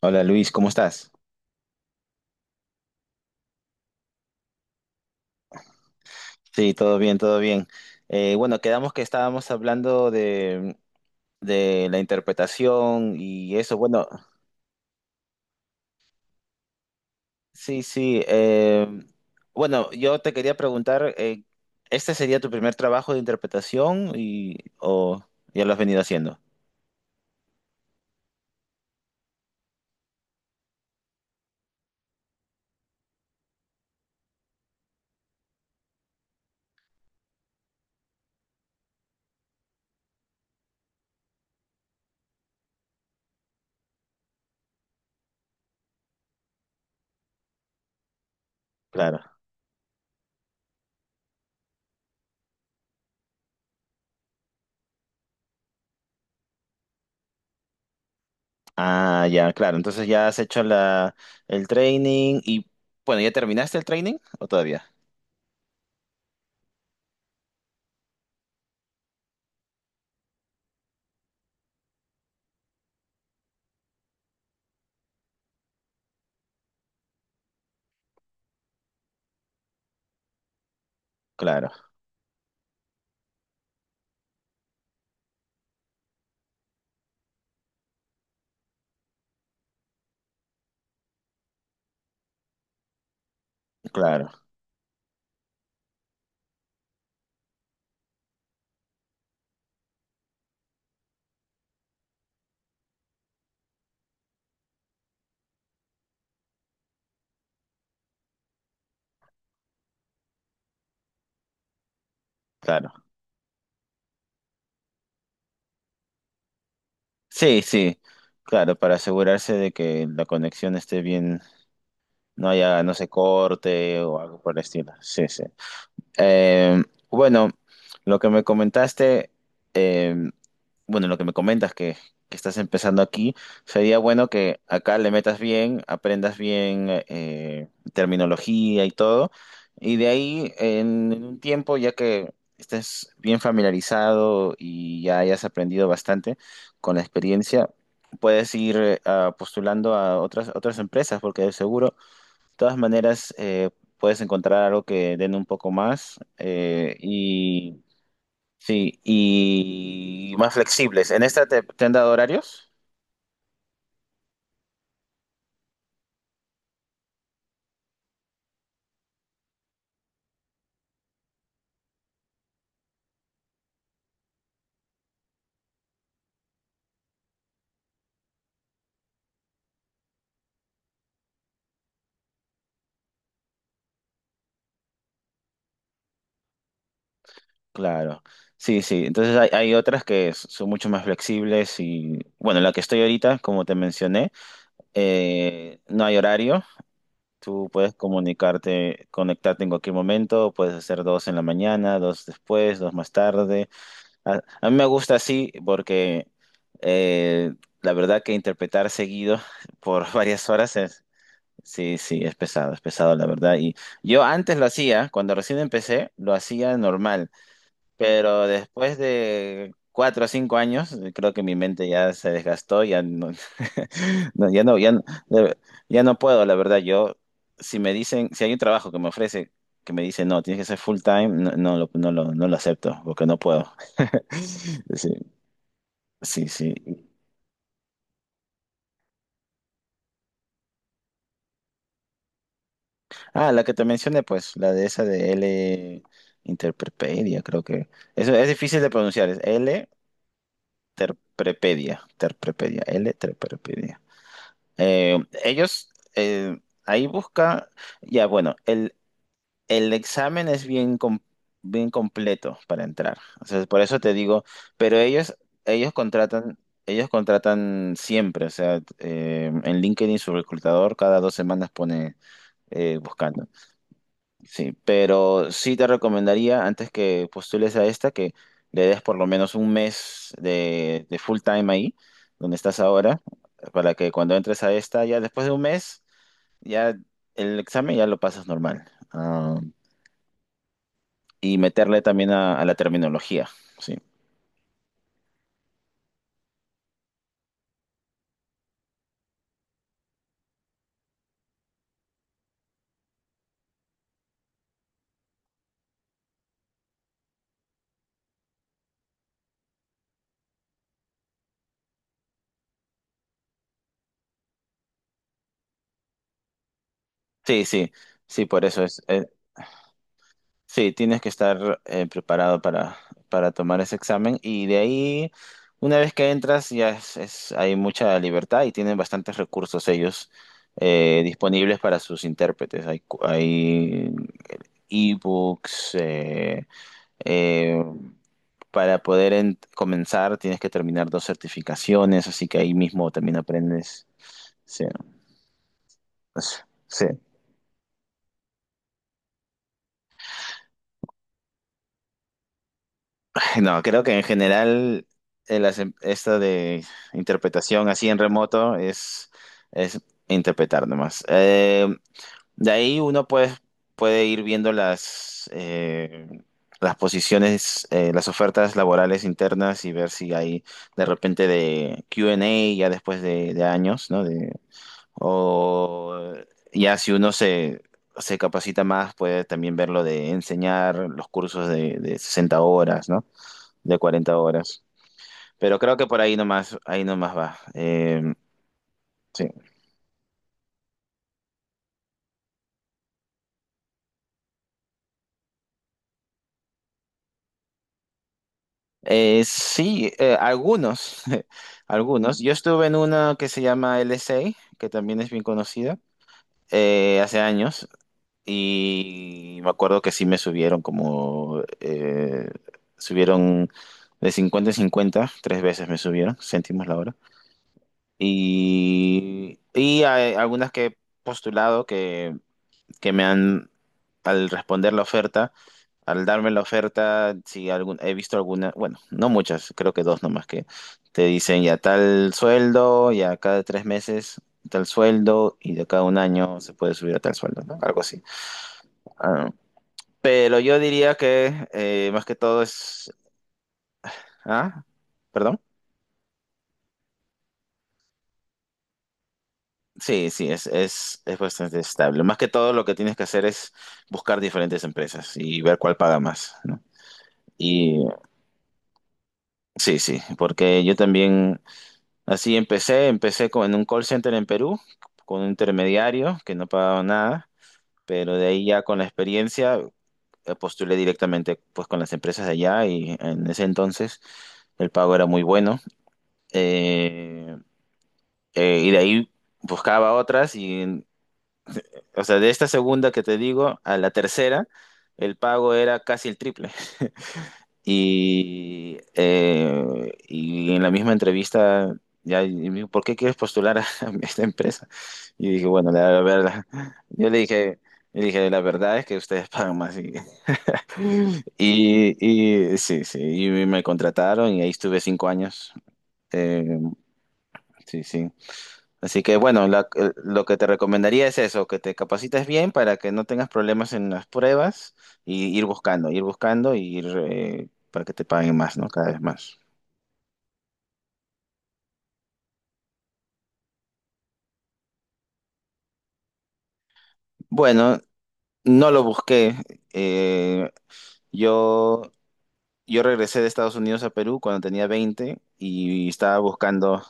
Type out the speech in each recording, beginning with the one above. Hola Luis, ¿cómo estás? Sí, todo bien, todo bien. Bueno, quedamos que estábamos hablando de la interpretación y eso. Bueno, sí, sí. Bueno, yo te quería preguntar, ¿este sería tu primer trabajo de interpretación y o ya lo has venido haciendo? Claro. Ah, ya, claro. Entonces ya has hecho el training y bueno, ¿ya terminaste el training o todavía? Claro, claro, claro. Sí, sí, claro, para asegurarse de que la conexión esté bien, no haya, no se corte o algo por el estilo. Sí, sí. Eh, bueno, lo que me comentaste, eh, bueno, lo que me comentas que estás empezando aquí, sería bueno que acá le metas bien, aprendas bien terminología y todo, y de ahí en un tiempo, ya que estés bien familiarizado y ya hayas aprendido bastante con la experiencia, puedes ir postulando a otras empresas, porque de seguro todas maneras, puedes encontrar algo que den un poco más y sí, y más flexibles. ¿En esta te han dado horarios? Claro. Sí, sí. Entonces hay otras que son mucho más flexibles y bueno, la que estoy ahorita, como te mencioné, no hay horario. Tú puedes comunicarte, conectarte en cualquier momento, puedes hacer dos en la mañana, dos después, dos más tarde. A mí me gusta así porque eh, la verdad que interpretar seguido por varias horas es, sí, sí, es pesado la verdad. Y yo antes lo hacía, cuando recién empecé, lo hacía normal, pero después de 4 o 5 años, creo que mi mente ya se desgastó, ya no, no, ya no, ya no, de- ya no puedo, la verdad. Yo, si me dicen, si hay un trabajo que me ofrece, que me dice, no, tienes que ser full time, no, no lo acepto, porque no puedo. Sí. Sí, sí. Ah, la que te mencioné, pues, la de esa de L Interprepedia, creo que. Eso es difícil de pronunciar, es L Terprepedia, Terprepedia, L Terprepedia. Eh, Ellos ahí busca, ya bueno, el examen es bien, bien completo para entrar. O sea, por eso te digo, pero ellos contratan, ellos contratan siempre, o sea, en LinkedIn su reclutador cada 2 semanas pone buscando. Sí, pero sí te recomendaría antes que postules a esta que le des por lo menos un mes de full time ahí, donde estás ahora, para que cuando entres a esta, ya después de un mes, ya el examen ya lo pasas normal. Ah, y meterle también a la terminología. Sí, sí, sí, sí, por eso es. Sí, tienes que estar preparado para tomar ese examen y de ahí, una vez que entras, ya es, hay mucha libertad y tienen bastantes recursos ellos disponibles para sus intérpretes. Hay ebooks, eh, para poder comenzar tienes que terminar dos certificaciones, así que ahí mismo también aprendes. Sí, sí. No, creo que en general esta de interpretación así en remoto es interpretar nomás. De ahí uno puede ir viendo las posiciones, las ofertas laborales internas y ver si hay de repente de Q&A ya después de años, ¿no? O ya si uno se capacita más, puede también ver lo de enseñar los cursos de 60 horas, ¿no? De 40 horas. Pero creo que por ahí nomás va. Sí, sí algunos, algunos. Yo estuve en una que se llama LSA, que también es bien conocida, hace años, y me acuerdo que sí me subieron subieron de 50 en 50 tres veces me subieron, céntimos la hora. Y hay algunas que he postulado que me han, al responder la oferta, Al darme la oferta, sí, he visto algunas, bueno, no muchas, creo que dos nomás que te dicen ya tal sueldo, ya cada 3 meses tal sueldo y de cada un año se puede subir a tal sueldo, ¿no? Algo así. Ah, pero yo diría que más que todo es. ¿Ah? ¿Perdón? Sí, sí, es bastante estable. Más que todo lo que tienes que hacer es buscar diferentes empresas y ver cuál paga más, ¿no? Y sí, sí, porque yo también. Así empecé en un call center en Perú, con un intermediario que no pagaba nada, pero de ahí ya con la experiencia postulé directamente pues con las empresas de allá y en ese entonces el pago era muy bueno. Eh, y de ahí buscaba otras y, o sea, de esta segunda que te digo a la tercera, el pago era casi el triple. Y en la misma entrevista, ya, y me dijo, ¿por qué quieres postular a esta empresa? Y dije, bueno, la verdad, yo le dije, le dije, la verdad es que ustedes pagan más. Y, y sí, sí, y me contrataron y ahí estuve 5 años. Eh, sí, sí. Así que bueno, lo que te recomendaría es eso, que te capacites bien para que no tengas problemas en las pruebas y ir buscando, y ir para que te paguen más, ¿no? Cada vez más. Bueno, no lo busqué. Eh, yo, yo regresé de Estados Unidos a Perú cuando tenía 20 y estaba buscando,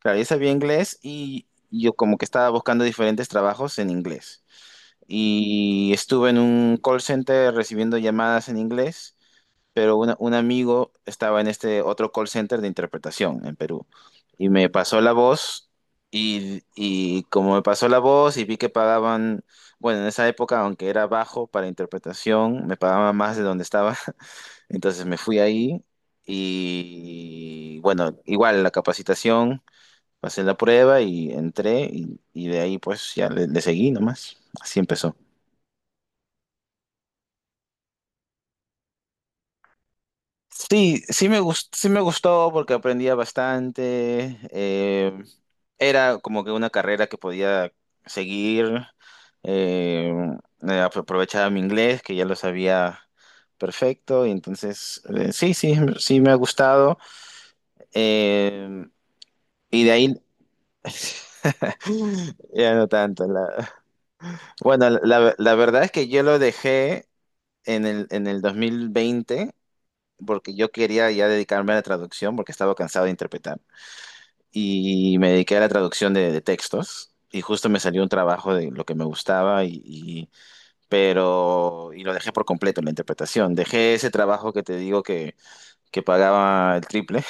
claro, yo sabía inglés y yo como que estaba buscando diferentes trabajos en inglés. Y estuve en un call center recibiendo llamadas en inglés pero un amigo estaba en este otro call center de interpretación en Perú y me pasó la voz y como me pasó la voz y vi que pagaban, bueno, en esa época, aunque era bajo para interpretación, me pagaban más de donde estaba, entonces me fui ahí y bueno, igual la capacitación, pasé la prueba y entré y de ahí pues ya le seguí nomás, así empezó. Sí, sí me gustó porque aprendía bastante. Era como que una carrera que podía seguir. eh, Aprovechaba mi inglés, que ya lo sabía perfecto. Y entonces, sí, sí, sí me ha gustado. eh, y de ahí ya no tanto. Bueno, la verdad es que yo lo dejé en el, 2020 porque yo quería ya dedicarme a la traducción porque estaba cansado de interpretar. Y me dediqué a la traducción de textos y justo me salió un trabajo de lo que me gustaba pero y lo dejé por completo en la interpretación. Dejé ese trabajo que te digo que pagaba el triple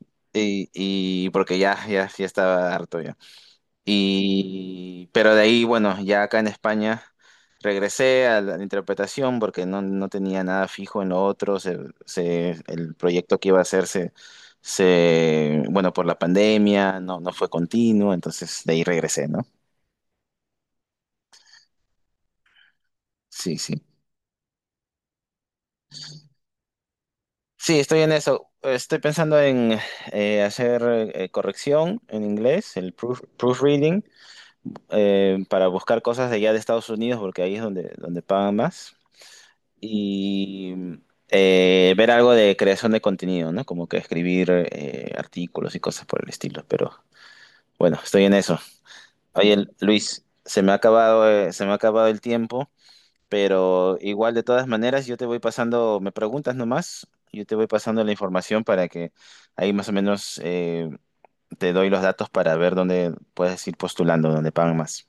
y porque ya, ya, ya estaba harto ya. Y, pero de ahí, bueno, ya acá en España regresé a la interpretación porque no tenía nada fijo en lo otro. El proyecto que iba a hacer bueno, por la pandemia no fue continuo, entonces de ahí regresé, ¿no? Sí, sí. Sí, estoy en eso. Estoy pensando en hacer corrección en inglés, el proofreading, para buscar cosas de allá de Estados Unidos porque ahí es donde, donde pagan más. Y ver algo de creación de contenido, ¿no? Como que escribir artículos y cosas por el estilo, pero bueno, estoy en eso. Oye, Luis, se me ha acabado el tiempo, pero igual de todas maneras yo te voy pasando, me preguntas nomás, yo te voy pasando la información para que ahí más o menos te doy los datos para ver dónde puedes ir postulando, dónde pagan más.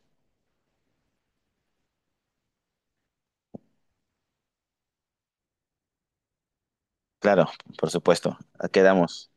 Claro, por supuesto. Quedamos.